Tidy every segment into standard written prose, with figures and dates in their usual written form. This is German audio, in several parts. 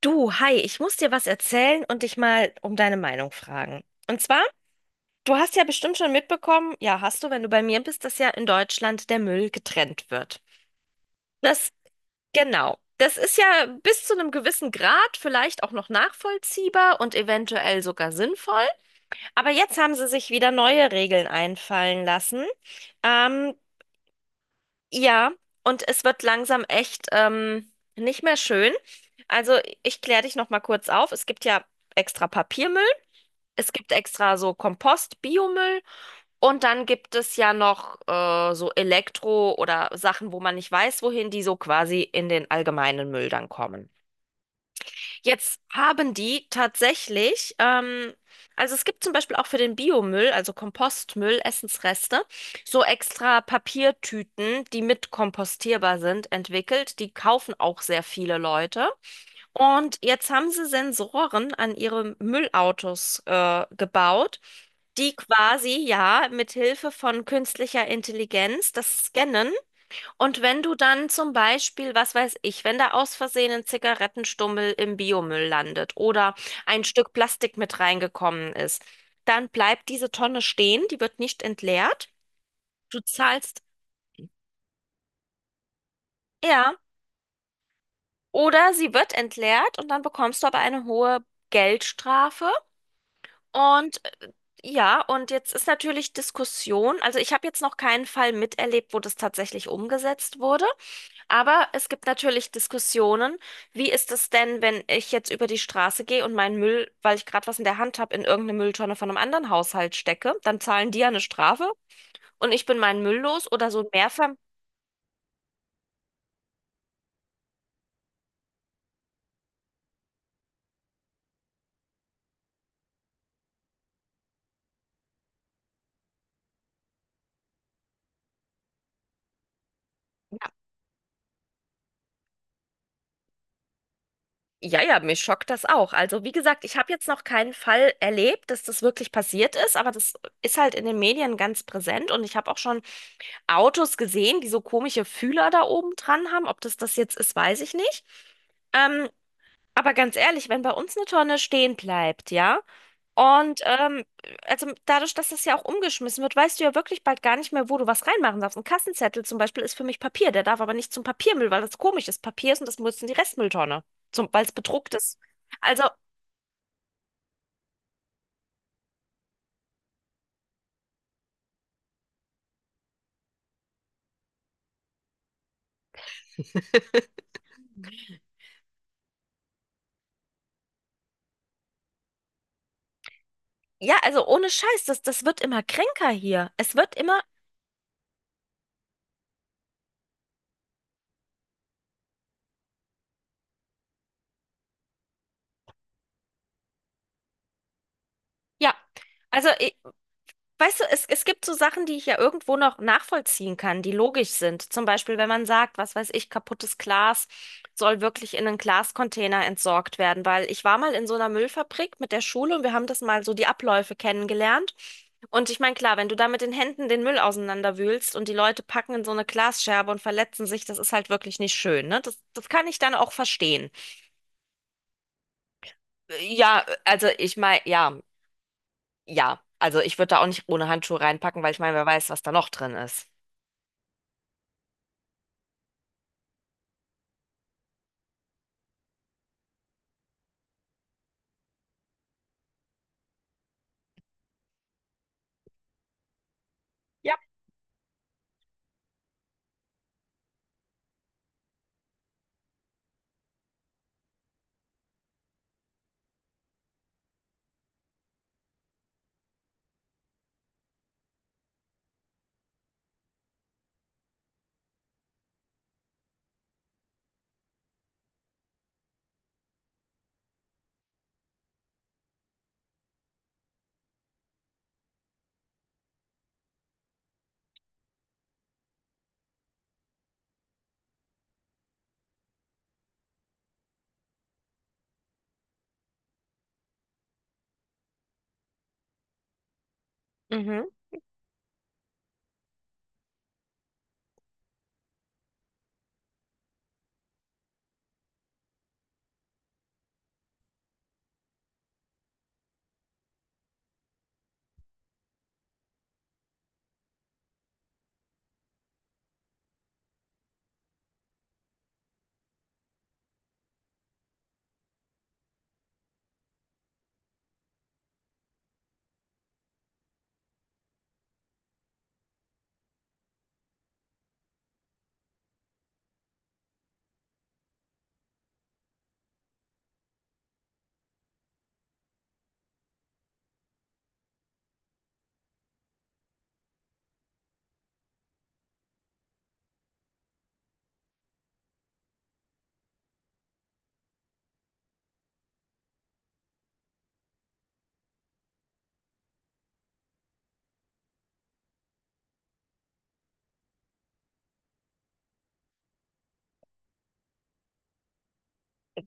Du, hi, ich muss dir was erzählen und dich mal um deine Meinung fragen. Und zwar, du hast ja bestimmt schon mitbekommen, ja, hast du, wenn du bei mir bist, dass ja in Deutschland der Müll getrennt wird. Das, genau. Das ist ja bis zu einem gewissen Grad vielleicht auch noch nachvollziehbar und eventuell sogar sinnvoll. Aber jetzt haben sie sich wieder neue Regeln einfallen lassen. Ähm, ja, und es wird langsam echt nicht mehr schön. Also ich kläre dich noch mal kurz auf. Es gibt ja extra Papiermüll. Es gibt extra so Kompost, Biomüll und dann gibt es ja noch so Elektro oder Sachen, wo man nicht weiß, wohin, die so quasi in den allgemeinen Müll dann kommen. Jetzt haben die tatsächlich, also es gibt zum Beispiel auch für den Biomüll, also Kompostmüll, Essensreste, so extra Papiertüten, die mit kompostierbar sind, entwickelt. Die kaufen auch sehr viele Leute. Und jetzt haben sie Sensoren an ihre Müllautos gebaut, die quasi ja mit Hilfe von künstlicher Intelligenz das scannen. Und wenn du dann zum Beispiel, was weiß ich, wenn da aus Versehen ein Zigarettenstummel im Biomüll landet oder ein Stück Plastik mit reingekommen ist, dann bleibt diese Tonne stehen, die wird nicht entleert. Du zahlst, ja, oder sie wird entleert und dann bekommst du aber eine hohe Geldstrafe. Und äh, ja, und jetzt ist natürlich Diskussion. Also ich habe jetzt noch keinen Fall miterlebt, wo das tatsächlich umgesetzt wurde. Aber es gibt natürlich Diskussionen. Wie ist es denn, wenn ich jetzt über die Straße gehe und meinen Müll, weil ich gerade was in der Hand habe, in irgendeine Mülltonne von einem anderen Haushalt stecke? Dann zahlen die ja eine Strafe und ich bin meinen Müll los oder so ein Mehrver. Ja, ja, mich schockt das auch. Also, wie gesagt, ich habe jetzt noch keinen Fall erlebt, dass das wirklich passiert ist, aber das ist halt in den Medien ganz präsent und ich habe auch schon Autos gesehen, die so komische Fühler da oben dran haben. Ob das jetzt ist, weiß ich nicht. Ähm, aber ganz ehrlich, wenn bei uns eine Tonne stehen bleibt, ja, und also dadurch, dass das ja auch umgeschmissen wird, weißt du ja wirklich bald gar nicht mehr, wo du was reinmachen darfst. Ein Kassenzettel zum Beispiel ist für mich Papier, der darf aber nicht zum Papiermüll, weil das komisch ist. Papier ist und das muss in die Restmülltonne, zum, weil es bedruckt ist. Also, ja, also ohne Scheiß, das wird immer kränker hier. Es wird immer, ja, also i- weißt du, es gibt so Sachen, die ich ja irgendwo noch nachvollziehen kann, die logisch sind. Zum Beispiel, wenn man sagt, was weiß ich, kaputtes Glas soll wirklich in einen Glascontainer entsorgt werden, weil ich war mal in so einer Müllfabrik mit der Schule und wir haben das mal so die Abläufe kennengelernt. Und ich meine, klar, wenn du da mit den Händen den Müll auseinanderwühlst und die Leute packen in so eine Glasscherbe und verletzen sich, das ist halt wirklich nicht schön, ne? Das kann ich dann auch verstehen. Ja, also ich meine, ja, ja. Also ich würde da auch nicht ohne Handschuhe reinpacken, weil ich meine, wer weiß, was da noch drin ist. Ja, mhm.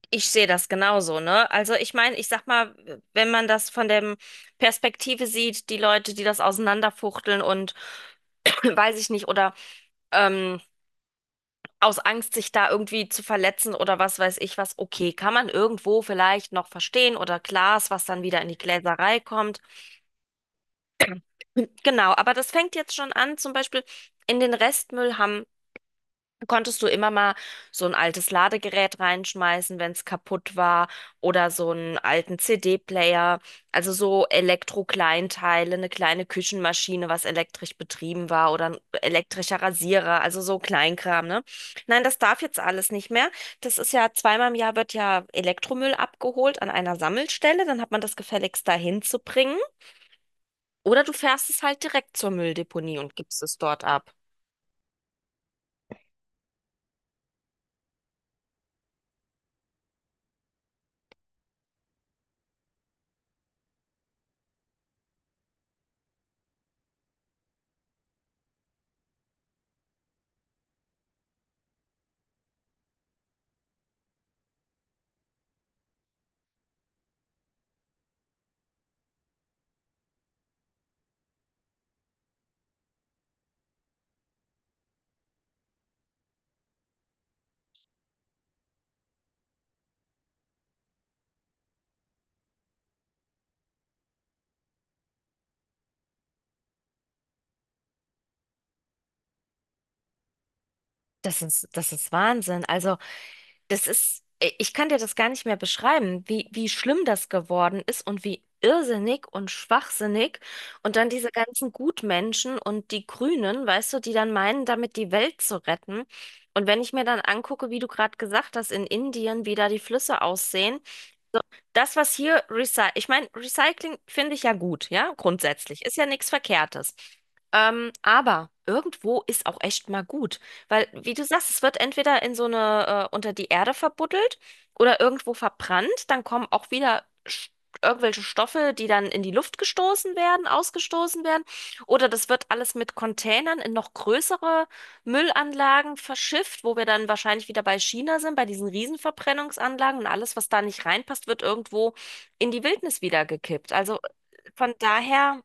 Ich sehe das genauso, ne? Also ich meine, ich sag mal, wenn man das von der Perspektive sieht, die Leute, die das auseinanderfuchteln und weiß ich nicht, oder ähm, aus Angst, sich da irgendwie zu verletzen oder was weiß ich was, okay, kann man irgendwo vielleicht noch verstehen oder Glas, was dann wieder in die Gläserei kommt. Genau, aber das fängt jetzt schon an, zum Beispiel in den Restmüll haben konntest du immer mal so ein altes Ladegerät reinschmeißen, wenn es kaputt war, oder so einen alten CD-Player, also so Elektrokleinteile, eine kleine Küchenmaschine, was elektrisch betrieben war, oder ein elektrischer Rasierer, also so Kleinkram, ne? Nein, das darf jetzt alles nicht mehr. Das ist ja zweimal im Jahr wird ja Elektromüll abgeholt an einer Sammelstelle, dann hat man das gefälligst dahin zu bringen. Oder du fährst es halt direkt zur Mülldeponie und gibst es dort ab. Das ist Wahnsinn. Also das ist, ich kann dir das gar nicht mehr beschreiben, wie schlimm das geworden ist und wie irrsinnig und schwachsinnig. Und dann diese ganzen Gutmenschen und die Grünen, weißt du, die dann meinen, damit die Welt zu retten. Und wenn ich mir dann angucke, wie du gerade gesagt hast, in Indien, wie da die Flüsse aussehen, das, was hier recycelt, ich meine, Recycling finde ich ja gut, ja, grundsätzlich, ist ja nichts Verkehrtes. Aber irgendwo ist auch echt mal gut, weil, wie du sagst, es wird entweder in so eine, unter die Erde verbuddelt oder irgendwo verbrannt, dann kommen auch wieder irgendwelche Stoffe, die dann in die Luft gestoßen werden, ausgestoßen werden, oder das wird alles mit Containern in noch größere Müllanlagen verschifft, wo wir dann wahrscheinlich wieder bei China sind, bei diesen Riesenverbrennungsanlagen und alles, was da nicht reinpasst, wird irgendwo in die Wildnis wieder gekippt. Also von daher.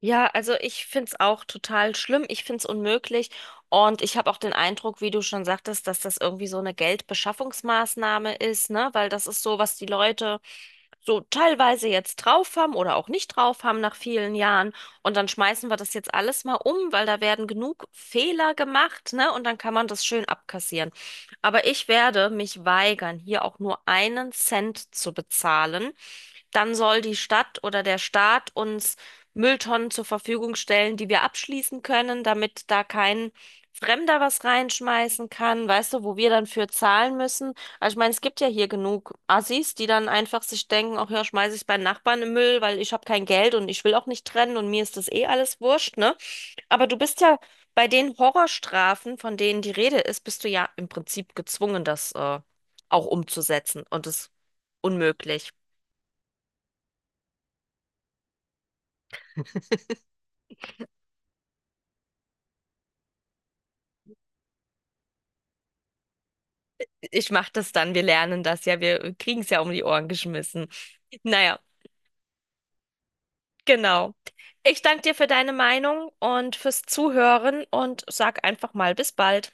Ja, also ich find's auch total schlimm, ich find's unmöglich und ich habe auch den Eindruck, wie du schon sagtest, dass das irgendwie so eine Geldbeschaffungsmaßnahme ist, ne? Weil das ist so, was die Leute so teilweise jetzt drauf haben oder auch nicht drauf haben nach vielen Jahren und dann schmeißen wir das jetzt alles mal um, weil da werden genug Fehler gemacht, ne? Und dann kann man das schön abkassieren. Aber ich werde mich weigern, hier auch nur einen Cent zu bezahlen. Dann soll die Stadt oder der Staat uns Mülltonnen zur Verfügung stellen, die wir abschließen können, damit da kein Fremder was reinschmeißen kann, weißt du, wo wir dann für zahlen müssen. Also ich meine, es gibt ja hier genug Assis, die dann einfach sich denken, ach ja, schmeiße ich beim Nachbarn im Müll, weil ich habe kein Geld und ich will auch nicht trennen und mir ist das eh alles wurscht, ne? Aber du bist ja bei den Horrorstrafen, von denen die Rede ist, bist du ja im Prinzip gezwungen, das auch umzusetzen und es unmöglich. Ich mache das dann. Wir lernen das ja. Wir kriegen es ja um die Ohren geschmissen. Naja, genau. Ich danke dir für deine Meinung und fürs Zuhören und sag einfach mal bis bald.